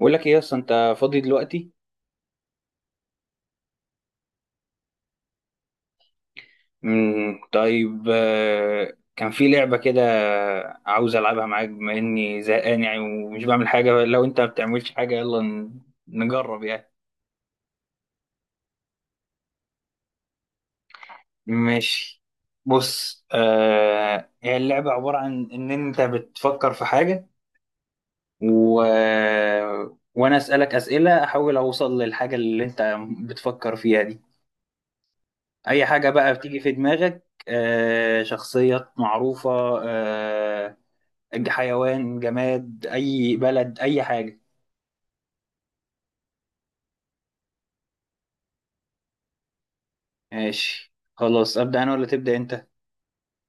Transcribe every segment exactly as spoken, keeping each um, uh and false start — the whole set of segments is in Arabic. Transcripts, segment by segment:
بقول لك ايه اصلا انت فاضي دلوقتي؟ مم. طيب، آه، كان في لعبة كده. عاوز العبها معاك بما اني زهقان يعني، ومش بعمل حاجة. لو انت ما بتعملش حاجة، يلا ن- نجرب يعني. ماشي. بص، آه هي اللعبة عبارة عن ان انت بتفكر في حاجة، و... وانا اسألك اسئلة، احاول اوصل للحاجة اللي انت بتفكر فيها دي. اي حاجة بقى بتيجي في دماغك، آه شخصيات معروفة، آه، حيوان، جماد، أي بلد، أي حاجة. ماشي خلاص، أبدأ أنا ولا تبدأ أنت؟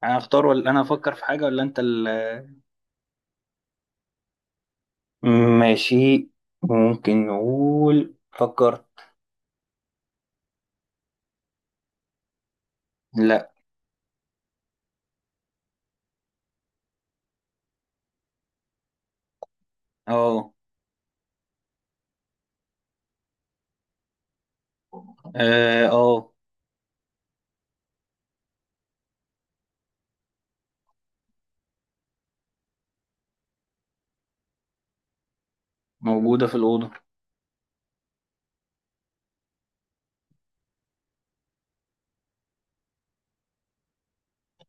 أنا أختار، ولا أنا أفكر في حاجة، ولا أنت ال ماشي. ممكن نقول فكرت. لا. أه، أه. آه. موجودة في الأوضة.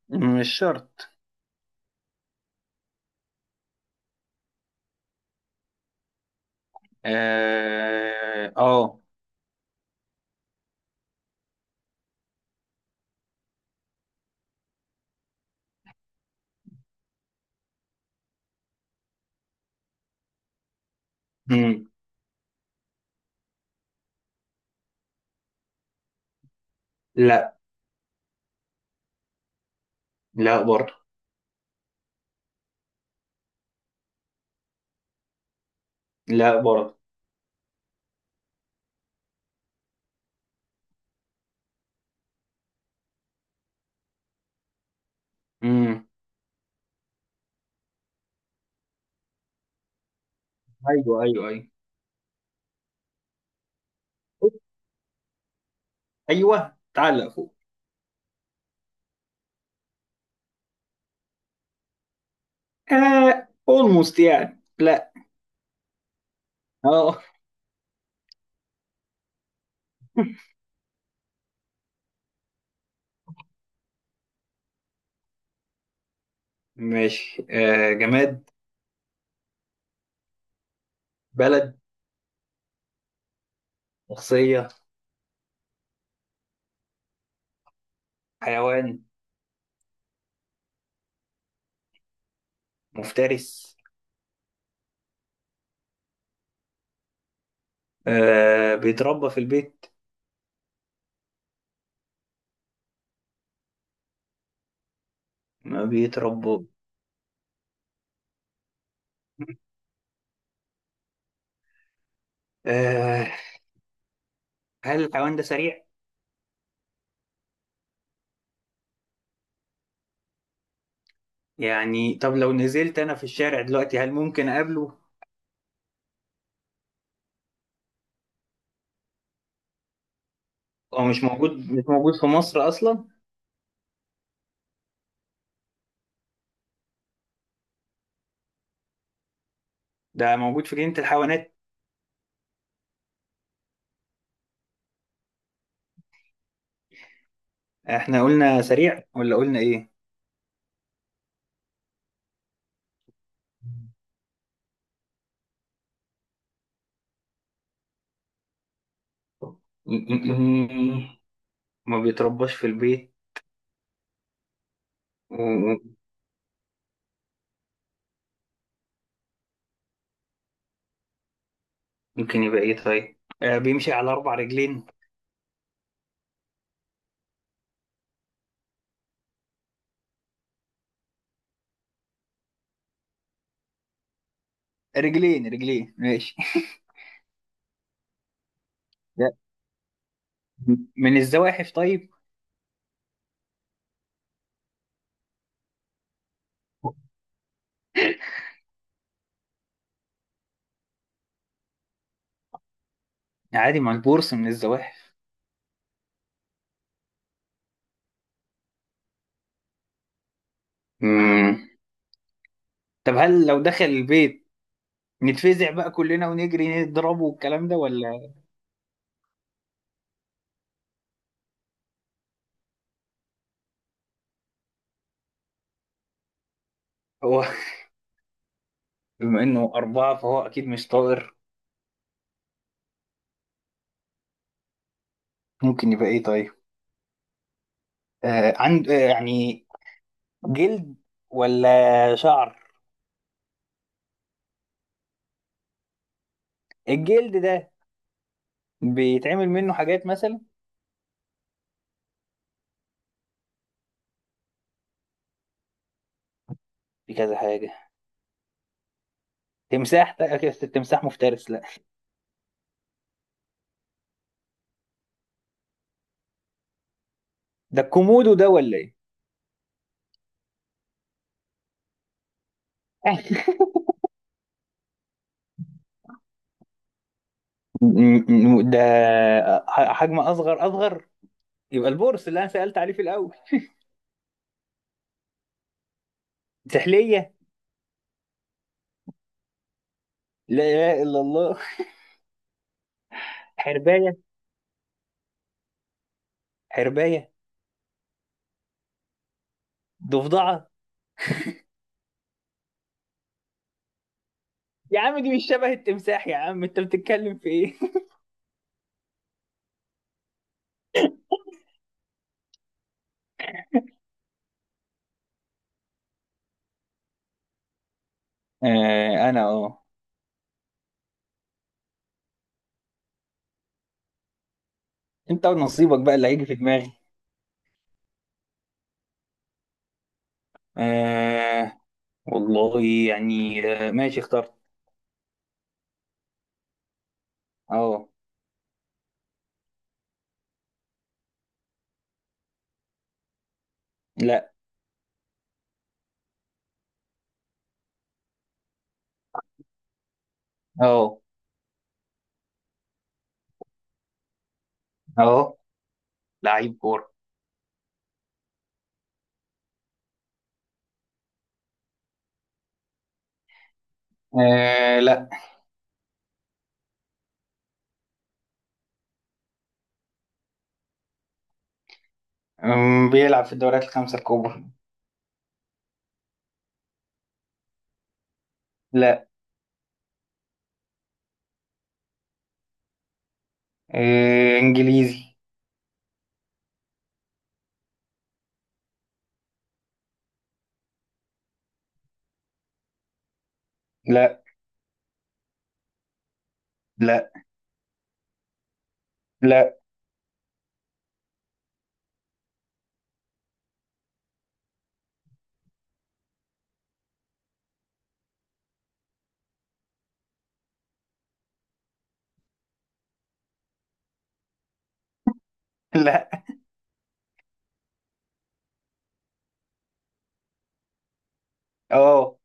مش شرط. أه، أه. مم. لا. لا برضه. لا برضه. مم. أيوه، أيوه، أيوه. أيوه، تعلق فوق. آه، أولموست يعني، لا. أه. ماشي، آه جماد؟ بلد؟ شخصية؟ حيوان؟ مفترس؟ آه، بيتربى في البيت؟ ما بيتربى؟ آه. هل الحيوان ده سريع؟ يعني طب لو نزلت أنا في الشارع دلوقتي، هل ممكن أقابله؟ هو مش موجود، مش موجود في مصر أصلا؟ ده موجود في جنينة الحيوانات. احنا قلنا سريع ولا قلنا إيه؟ ما بيترباش في البيت. وممكن يبقى إيه طيب؟ آه، بيمشي على أربع رجلين. رجلين، رجلين، ماشي. من الزواحف طيب. عادي، ما البورصة من الزواحف. مم. طب هل لو دخل البيت نتفزع بقى كلنا ونجري نضربه والكلام ده، ولا؟ هو بما انه أربعة فهو أكيد مش طائر. ممكن يبقى إيه طيب؟ آه، عند، آه، يعني جلد ولا شعر؟ الجلد ده بيتعمل منه حاجات مثلا، في كذا حاجة. تمساح؟ ده- أكيد التمساح مفترس، لا. ده الكومودو ده ولا إيه؟ م- م- ده ح- حجم أصغر، أصغر. يبقى البورس اللي انا سالت عليه في الاول. سحليه. لا اله الا الله. حربايه. حربايه. ضفدعه. يا عم، دي مش شبه التمساح، يا عم انت بتتكلم في ايه؟ آه، انا، اه. انت ونصيبك بقى اللي هيجي في دماغي. آه، والله، يعني آه ماشي، اخترت. اه. لا. اه، اه. لعيب كورة. آه. لا. أم، بيلعب في الدوريات الخمسة الكبرى. لا. آه، انجليزي. لا. لا. لا. لا. اه.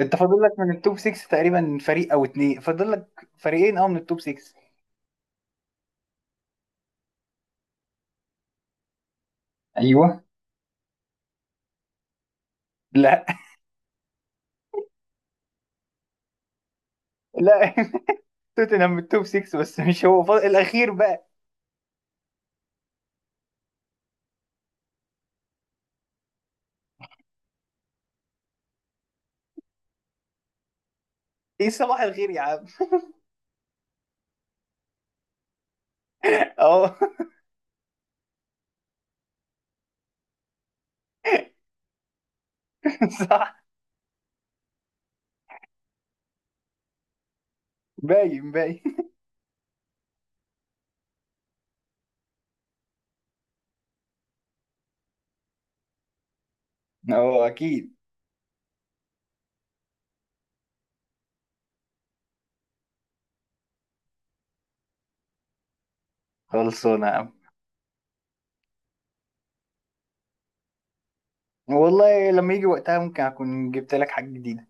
انت فاضل لك من التوب ستة تقريبا فريق او اتنين، فاضل لك فريقين او من التوب ستة. ايوه. لا. لا. توتنهام من التوب ستة، بس مش هو، فاضل الاخير بقى. ايه؟ صباح الخير يا عم. اه. صح. باين، باين. اه، اكيد. خلصانه يا عم. والله لما يجي وقتها ممكن اكون جبت لك حاجه جديده.